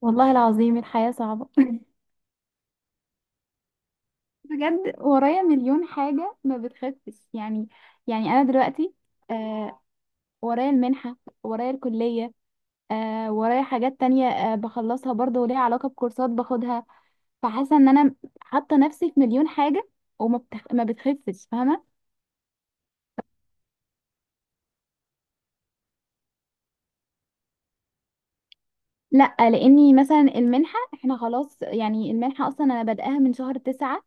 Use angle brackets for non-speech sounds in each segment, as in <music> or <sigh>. والله العظيم الحياة صعبة. <laughs> بجد ورايا مليون حاجة ما بتخفش يعني أنا دلوقتي. آه ورايا المنحة، ورايا الكلية، ورايا حاجات تانية. بخلصها برضه وليها علاقة بكورسات باخدها، فحاسة إن أنا حاطة نفسي في مليون حاجة، ما بتخفش، فاهمة؟ لأ، لأني مثلا المنحة، احنا خلاص يعني المنحة أصلا أنا بادئاها من شهر تسعة،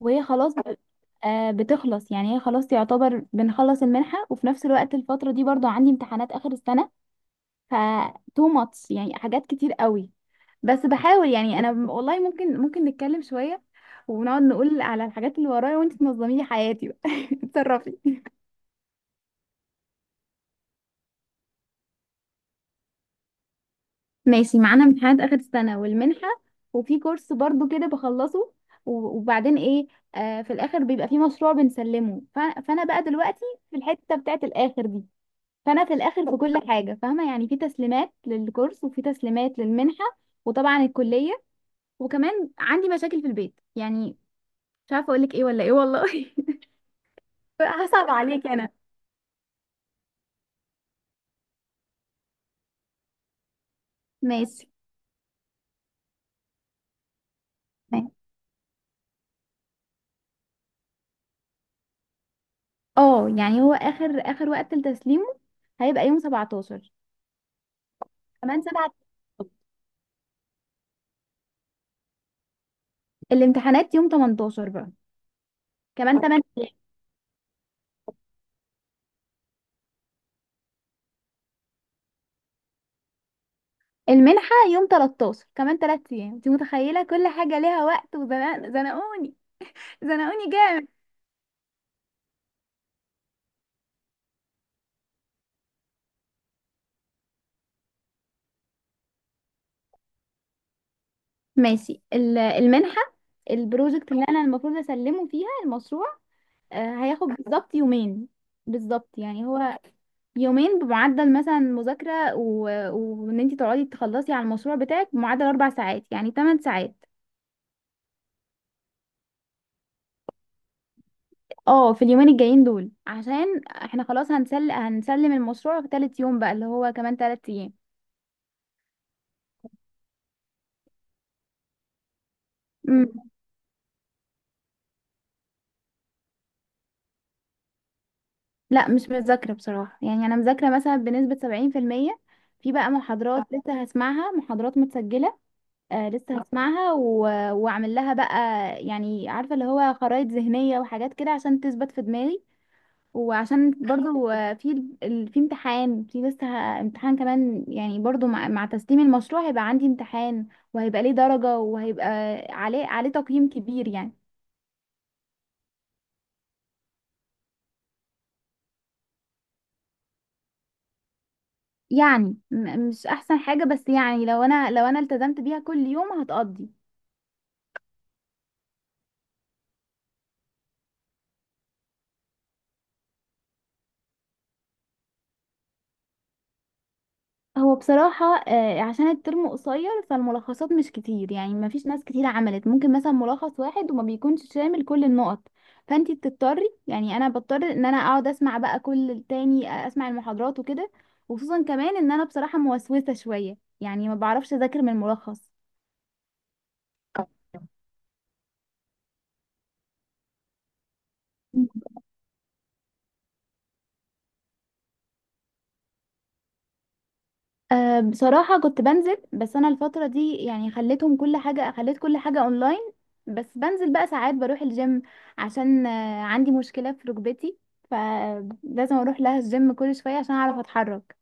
وهي خلاص بتخلص. يعني هي خلاص يعتبر بنخلص المنحة، وفي نفس الوقت الفترة دي برضو عندي امتحانات آخر السنة. ف تو ماتش يعني، حاجات كتير قوي. بس بحاول، والله ممكن نتكلم شوية ونقعد نقول على الحاجات اللي ورايا، وانت تنظمي لي حياتي بقى. <laughs> اتصرفي. ماشي، معانا امتحانات آخر السنة والمنحة، وفي كورس برضو كده بخلصه، وبعدين ايه؟ في الاخر بيبقى في مشروع بنسلمه. فانا بقى دلوقتي في الحتة بتاعت الاخر دي. فانا في الاخر في كل حاجه، فاهمه؟ يعني في تسليمات للكورس وفي تسليمات للمنحه، وطبعا الكليه، وكمان عندي مشاكل في البيت. يعني مش عارفه اقول لك ايه ولا ايه، والله. <laughs> هصعب عليك انا. ماشي، ماشي. اه، يعني هو اخر اخر وقت لتسليمه هيبقى يوم 17 كمان 7. الامتحانات يوم 18 بقى، كمان 8 ايام. المنحه يوم 13، كمان 3 ايام. انت متخيله؟ كل حاجه ليها وقت، وزنقوني، زنقوني جامد. ماشي، المنحة، البروجكت اللي انا المفروض اسلمه فيها المشروع، هياخد بالظبط يومين. بالظبط يعني هو يومين بمعدل مثلا مذاكرة، وان انت تقعدي تخلصي على المشروع بتاعك بمعدل 4 ساعات، يعني 8 ساعات. اه، في اليومين الجايين دول، عشان احنا خلاص هنسلم المشروع في تالت يوم بقى، اللي هو كمان 3 ايام. مم. لا مش مذاكرة بصراحة. يعني انا مذاكرة مثلا بنسبة 70%، في بقى محاضرات لسه هسمعها، محاضرات متسجلة. لسه هسمعها واعمل لها بقى، يعني عارفه، اللي هو خرائط ذهنيه وحاجات كده عشان تثبت في دماغي. وعشان برضو <laughs> في امتحان، امتحان كمان، يعني برضو مع تسليم المشروع هيبقى عندي امتحان، وهيبقى ليه درجه، وهيبقى عليه تقييم كبير يعني. مش احسن حاجه، بس يعني لو انا التزمت بيها كل يوم هتقضي. هو بصراحة، عشان الترم قصير، فالملخصات مش كتير. يعني ما فيش ناس كتير عملت. ممكن مثلا ملخص واحد وما بيكونش شامل كل النقط، فانتي بتضطري، يعني انا بضطر ان انا اقعد اسمع بقى كل التاني، اسمع المحاضرات وكده. وخصوصا كمان ان انا بصراحة موسوسة شوية، يعني ما بعرفش اذاكر من الملخص. أه، بصراحة كنت بنزل، بس أنا الفترة دي يعني خليت كل حاجة أونلاين. بس بنزل بقى ساعات، بروح الجيم، عشان عندي مشكلة في ركبتي، فلازم أروح لها الجيم كل شوية عشان أعرف أتحرك.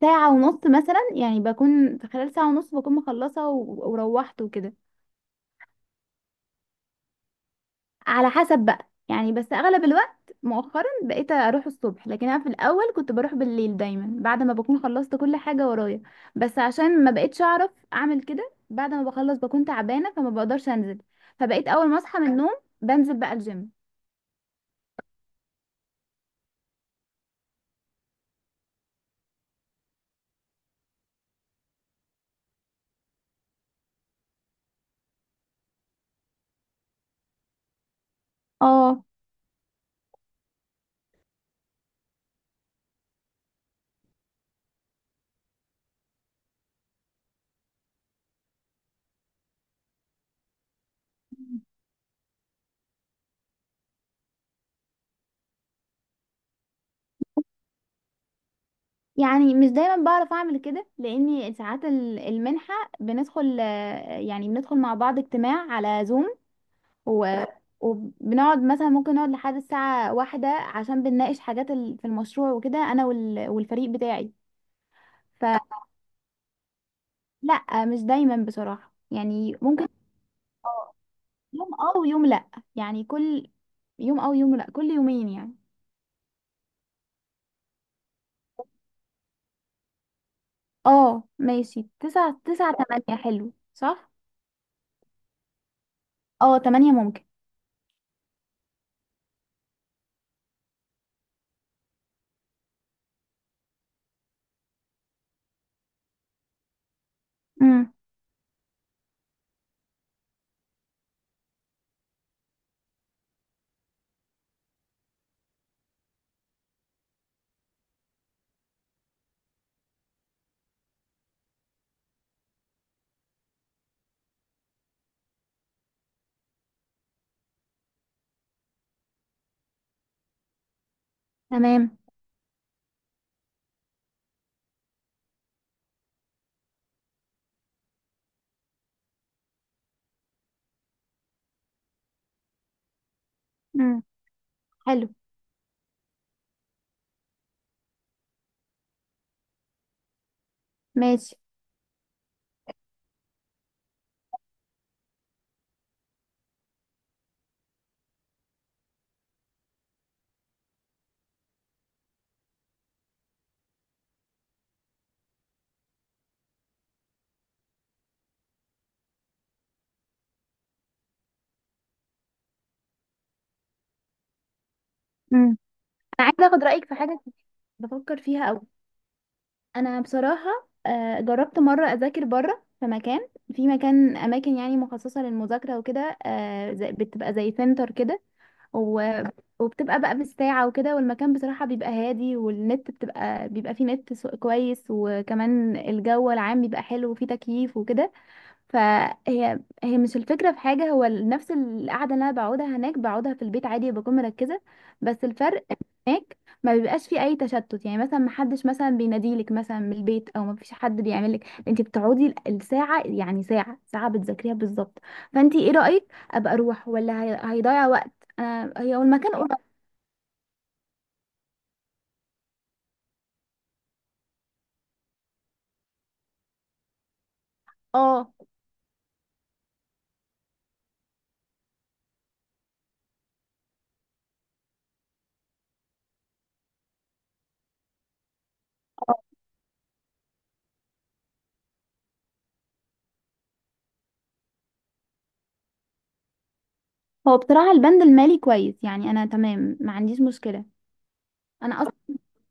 ساعة ونص مثلا، يعني بكون في خلال ساعة ونص بكون مخلصة وروحت وكده. على حسب بقى، يعني بس اغلب الوقت مؤخرا بقيت اروح الصبح، لكن انا في الاول كنت بروح بالليل دايما، بعد ما بكون خلصت كل حاجه ورايا. بس عشان ما بقيتش اعرف اعمل كده، بعد ما بخلص بكون تعبانه فما بقدرش انزل، فبقيت اول ما اصحى من النوم بنزل بقى الجيم. اه، يعني مش دايما بعرف اعمل كده، لاني ساعات المنحه بندخل آه، يعني بندخل مع بعض اجتماع على زوم، و... وبنقعد مثلا، ممكن نقعد لحد الساعة واحدة، عشان بنناقش حاجات في المشروع وكده، أنا والفريق بتاعي. فلا، مش دايما بصراحة، يعني ممكن آه، يوم اه ويوم لا، يعني كل يوم اه ويوم لا، كل يومين يعني. اه ماشي، تسعة، تسعة، تمانية، حلو، صح. اه تمانية ممكن. امم. تمام. امم. حلو. ماشي. امم. أنا عايزة أخد رأيك في حاجة كنت بفكر فيها أوي. انا بصراحه، جربت مره اذاكر بره في مكان اماكن يعني مخصصه للمذاكره وكده، بتبقى زي سنتر كده. و- وبتبقى بقى بالساعه وكده، والمكان بصراحه بيبقى هادي، والنت بيبقى فيه كويس، وكمان الجو العام بيبقى حلو، وفيه تكييف وكده. فهي مش الفكرة في حاجة. هو نفس القعدة اللي أنا بقعدها هناك بقعدها في البيت عادي، بكون مركزة، بس الفرق هناك ما بيبقاش فيه أي تشتت. يعني مثلا محدش مثلا بيناديلك مثلا من البيت، أو ما فيش حد بيعملك. أنت بتقعدي الساعة، يعني ساعة ساعة بتذاكريها بالظبط. فأنت إيه رأيك؟ أبقى أروح، ولا هيضيع وقت؟ أنا هي هو المكان قريب. اه. هو بصراحة البند المالي كويس، يعني أنا تمام، ما عنديش مشكلة. أنا أصلا،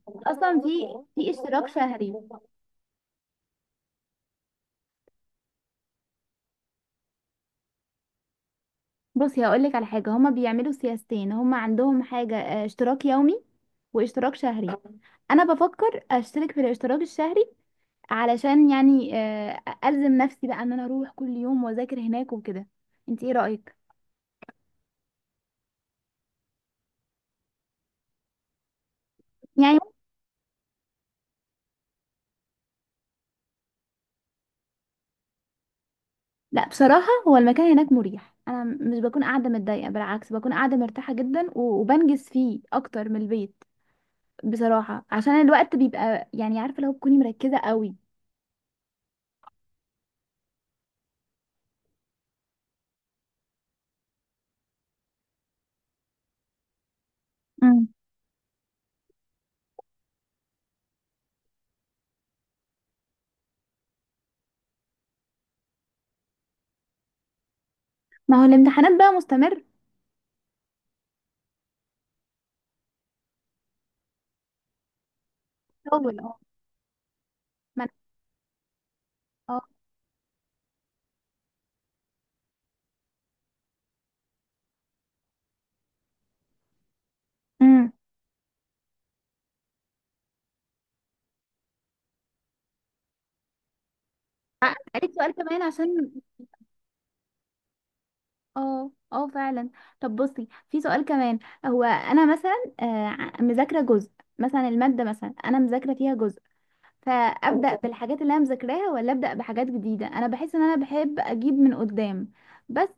أصلا في في اشتراك شهري. بصي، هقولك على حاجة، هما بيعملوا سياستين، هما عندهم حاجة، اشتراك يومي واشتراك شهري. آه. انا بفكر اشترك في الاشتراك الشهري، علشان يعني الزم نفسي بقى ان انا اروح كل يوم واذاكر هناك وكده. انت ايه رأيك؟ يعني لا، بصراحة هو المكان هناك مريح، انا مش بكون قاعدة متضايقة، بالعكس بكون قاعدة مرتاحة جدا، وبنجز فيه اكتر من البيت. بصراحة عشان الوقت بيبقى، يعني عارفة، لو بتكوني مركزة قوي. مم. ما هو الامتحانات بقى مستمر طول، اه. ما أنا- أه. امم. قالت سؤال كمان عشان، اه اه، فعلا. طب بصي، في سؤال كمان. هو انا مثلا مذاكره جزء، مثلا الماده مثلا انا مذاكره فيها جزء، فابدا بالحاجات اللي انا مذاكراها، ولا ابدا بحاجات جديده؟ انا بحس ان انا بحب اجيب من قدام، بس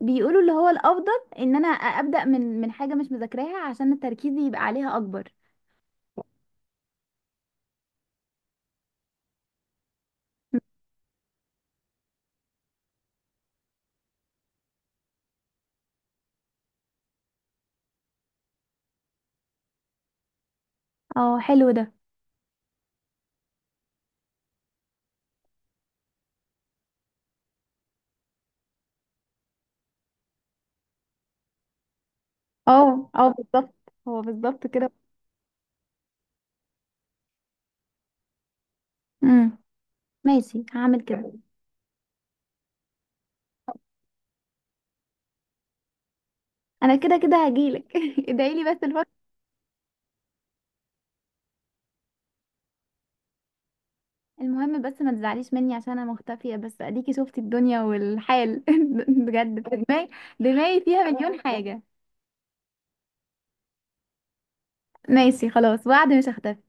بيقولوا اللي هو الافضل ان انا ابدا من حاجه مش مذاكراها عشان التركيز يبقى عليها اكبر. اه حلو ده. اه اه بالظبط، هو بالظبط كده. امم، ماشي، هعمل كده. انا كده كده هجيلك. <laughs> ادعيلي بس الفترة. المهم بس ما تزعليش مني عشان انا مختفية، بس اديكي شفتي الدنيا والحال. <laughs> بجد، دماغي دماغي فيها مليون حاجة. ماشي خلاص، وعد، مش هختفي.